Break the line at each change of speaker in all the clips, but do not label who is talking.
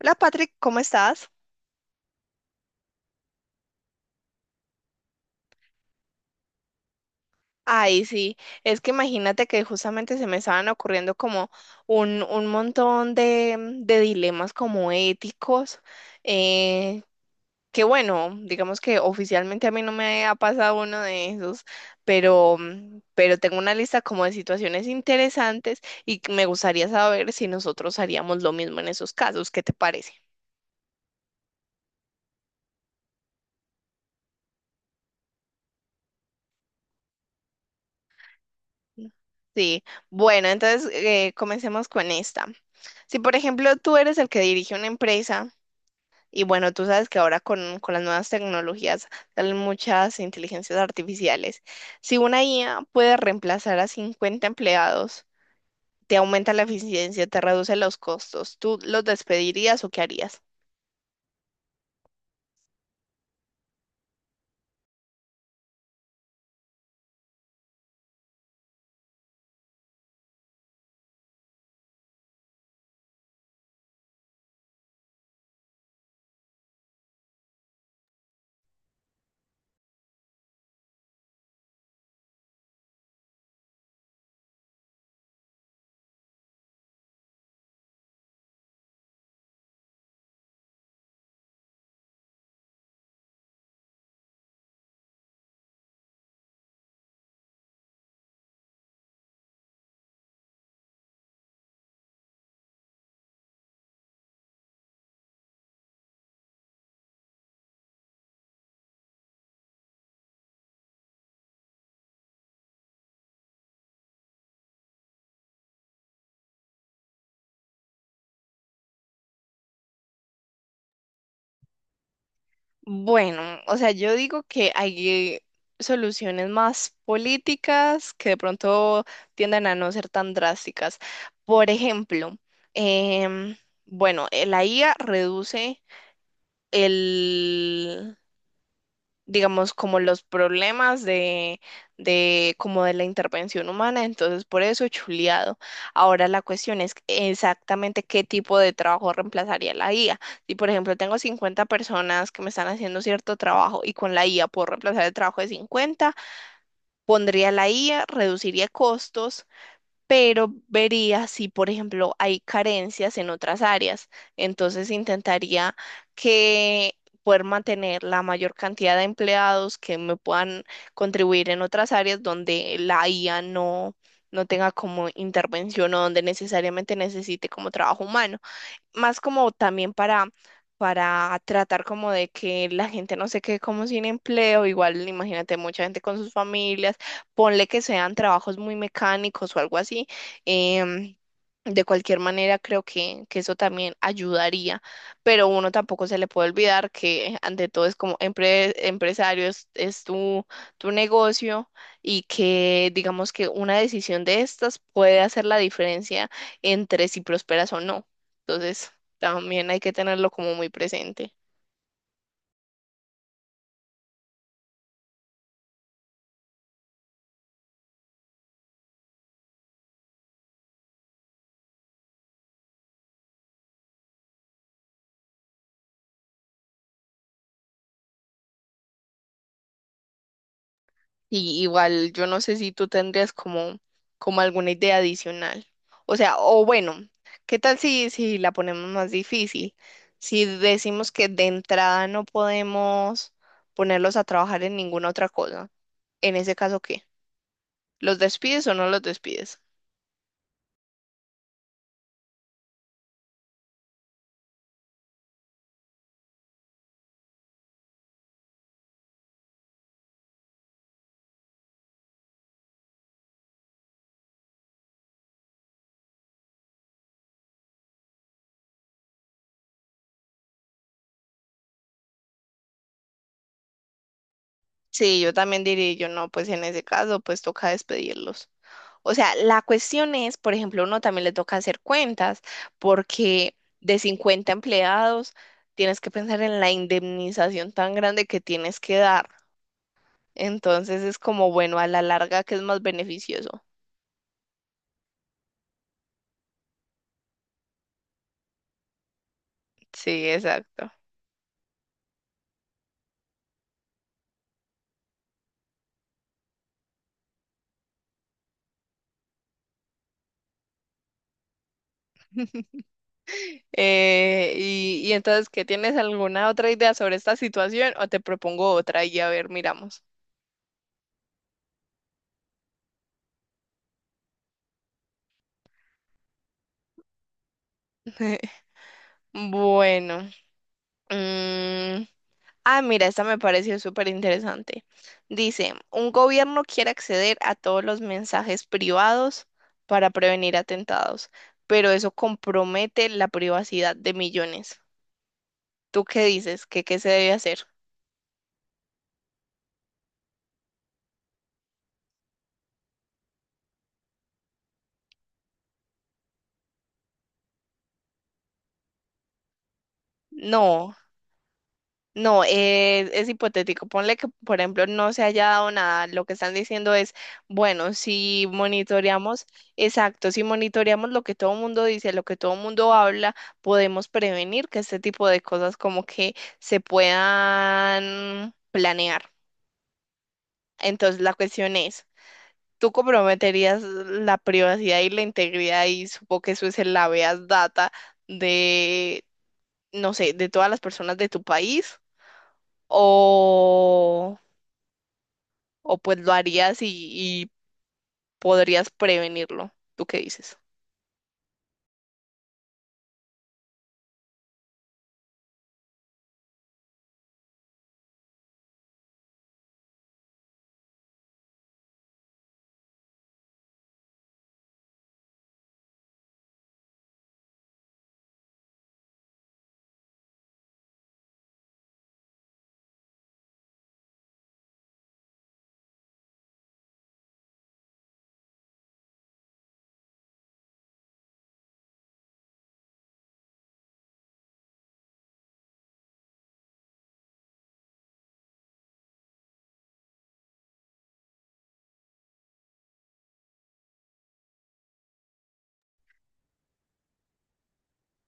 Hola Patrick, ¿cómo estás? Ay, sí, es que imagínate que justamente se me estaban ocurriendo como un montón de, de dilemas como éticos, eh, que bueno, digamos que oficialmente a mí no me ha pasado uno de esos, pero, pero tengo una lista como de situaciones interesantes y que me gustaría saber si nosotros haríamos lo mismo en esos casos, ¿qué te parece? Sí, bueno, entonces comencemos con esta. Si, por ejemplo, tú eres el que dirige una empresa y bueno, tú sabes que ahora con las nuevas tecnologías salen muchas inteligencias artificiales. Si una IA puede reemplazar a 50 empleados, te aumenta la eficiencia, te reduce los costos, ¿tú los despedirías o qué harías? Bueno, o sea, yo digo que hay soluciones más políticas que de pronto tienden a no ser tan drásticas. Por ejemplo, em, bueno, la IA reduce el, digamos, como los problemas de como de la intervención humana, entonces por eso chuleado. Ahora la cuestión es exactamente qué tipo de trabajo reemplazaría la IA. Si, por ejemplo, tengo 50 personas que me están haciendo cierto trabajo y con la IA puedo reemplazar el trabajo de 50, pondría la IA, reduciría costos, pero vería si, por ejemplo, hay carencias en otras áreas. Entonces intentaría que poder mantener la mayor cantidad de empleados que me puedan contribuir en otras áreas donde la IA no tenga como intervención o donde necesariamente necesite como trabajo humano, más como también para tratar como de que la gente no se quede como sin empleo, igual imagínate mucha gente con sus familias, ponle que sean trabajos muy mecánicos o algo así. em, de cualquier manera, creo que eso también ayudaría, pero uno tampoco se le puede olvidar que ante todo es como empresario, es tu, tu negocio y que digamos que una decisión de estas puede hacer la diferencia entre si prosperas o no. Entonces, también hay que tenerlo como muy presente. Y igual, yo no sé si tú tendrías como, como alguna idea adicional. O sea, o bueno, ¿qué tal si la ponemos más difícil? Si decimos que de entrada no podemos ponerlos a trabajar en ninguna otra cosa. En ese caso, ¿qué? ¿Los despides o no los despides? Sí, yo también diría, yo no, pues en ese caso, pues toca despedirlos. O sea, la cuestión es, por ejemplo, uno también le toca hacer cuentas, porque de 50 empleados tienes que pensar en la indemnización tan grande que tienes que dar. Entonces es como, bueno, a la larga que es más beneficioso. Sí, exacto. Y entonces, ¿qué tienes alguna otra idea sobre esta situación o te propongo otra y a ver, miramos? Bueno. mm, Ah, mira, esta me pareció súper interesante. Dice, un gobierno quiere acceder a todos los mensajes privados para prevenir atentados, pero eso compromete la privacidad de millones. ¿Tú qué dices? ¿Qué, qué se debe hacer? No. No, es hipotético. Ponle que, por ejemplo, no se haya dado nada. Lo que están diciendo es, bueno, si monitoreamos, exacto, si monitoreamos lo que todo el mundo dice, lo que todo el mundo habla, podemos prevenir que este tipo de cosas como que se puedan planear. Entonces, la cuestión es, ¿tú comprometerías la privacidad y la integridad? Y supongo que eso es el habeas data de, no sé, de todas las personas de tu país o... o pues lo harías y podrías prevenirlo. ¿Tú qué dices?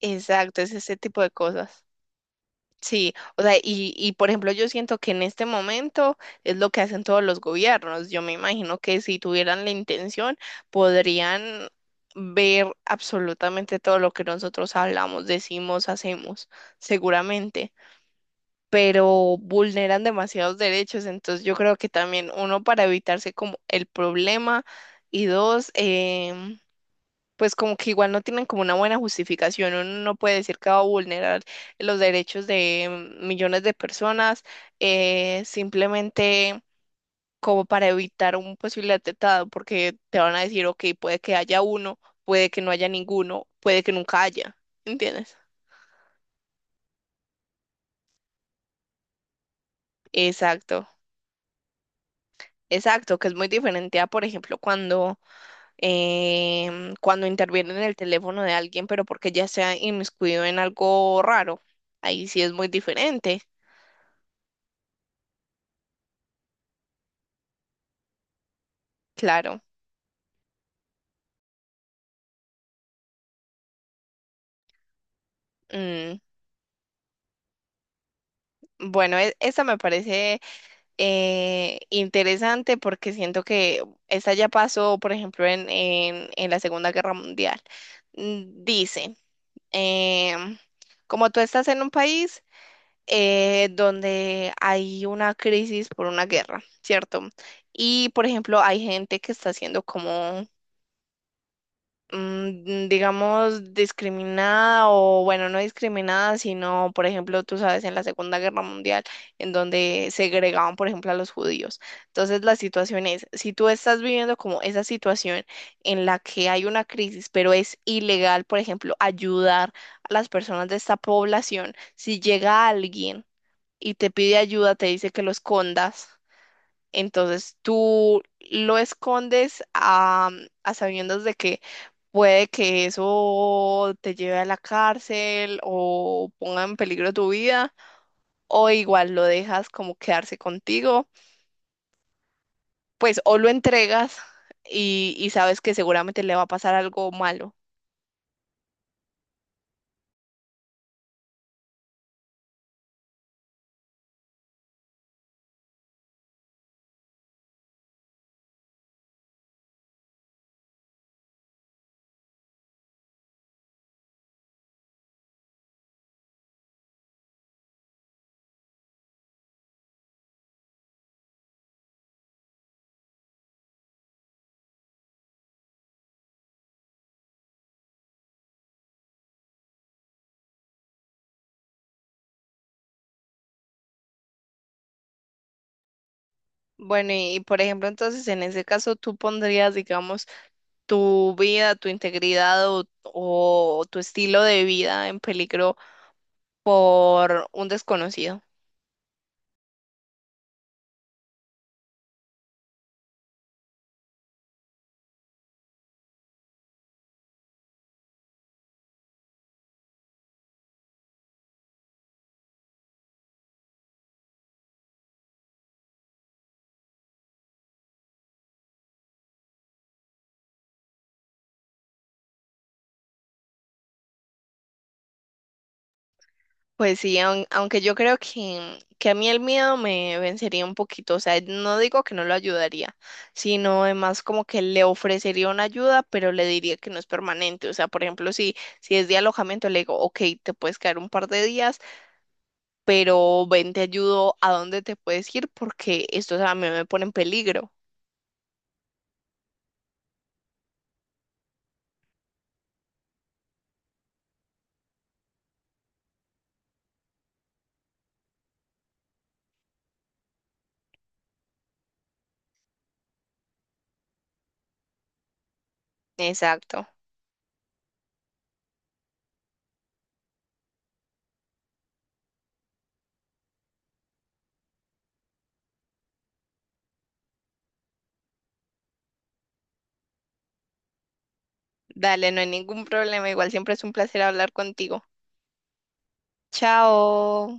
Exacto, es ese tipo de cosas. Sí, o sea, y por ejemplo, yo siento que en este momento es lo que hacen todos los gobiernos. Yo me imagino que si tuvieran la intención, podrían ver absolutamente todo lo que nosotros hablamos, decimos, hacemos, seguramente, pero vulneran demasiados derechos. Entonces, yo creo que también uno para evitarse como el problema y dos, pues como que igual no tienen como una buena justificación. Uno no puede decir que va a vulnerar los derechos de millones de personas simplemente como para evitar un posible atentado, porque te van a decir, ok, puede que haya uno, puede que no haya ninguno, puede que nunca haya, ¿entiendes? Exacto. Exacto, que es muy diferente a, por ejemplo, cuando, cuando intervienen en el teléfono de alguien, pero porque ya se ha inmiscuido en algo raro. Ahí sí es muy diferente, claro. Mm, bueno, esta me parece interesante porque siento que esta ya pasó, por ejemplo, en, en la Segunda Guerra Mundial. Mm, dice, em, como tú estás en un país donde hay una crisis por una guerra, ¿cierto? Y, por ejemplo, hay gente que está haciendo como digamos, discriminada o, bueno, no discriminada, sino, por ejemplo, tú sabes, en la Segunda Guerra Mundial, en donde segregaban, por ejemplo, a los judíos. Entonces, la situación es, si tú estás viviendo como esa situación en la que hay una crisis, pero es ilegal, por ejemplo, ayudar a las personas de esta población, si llega alguien y te pide ayuda, te dice que lo escondas. Entonces tú lo escondes a sabiendas de que puede que eso te lleve a la cárcel o ponga en peligro tu vida, o igual lo dejas como quedarse contigo, pues o lo entregas y sabes que seguramente le va a pasar algo malo. Bueno, y por ejemplo, entonces en ese caso tú pondrías, digamos, tu vida, tu integridad o tu estilo de vida en peligro por un desconocido. Pues sí, aunque yo creo que a mí el miedo me vencería un poquito, o sea, no digo que no lo ayudaría, sino además como que le ofrecería una ayuda, pero le diría que no es permanente, o sea, por ejemplo, si, si es de alojamiento, le digo, ok, te puedes quedar un par de días, pero ven, te ayudo a dónde te puedes ir porque esto, o sea, a mí me pone en peligro. Exacto. Dale, no hay ningún problema, igual siempre es un placer hablar contigo. Chao.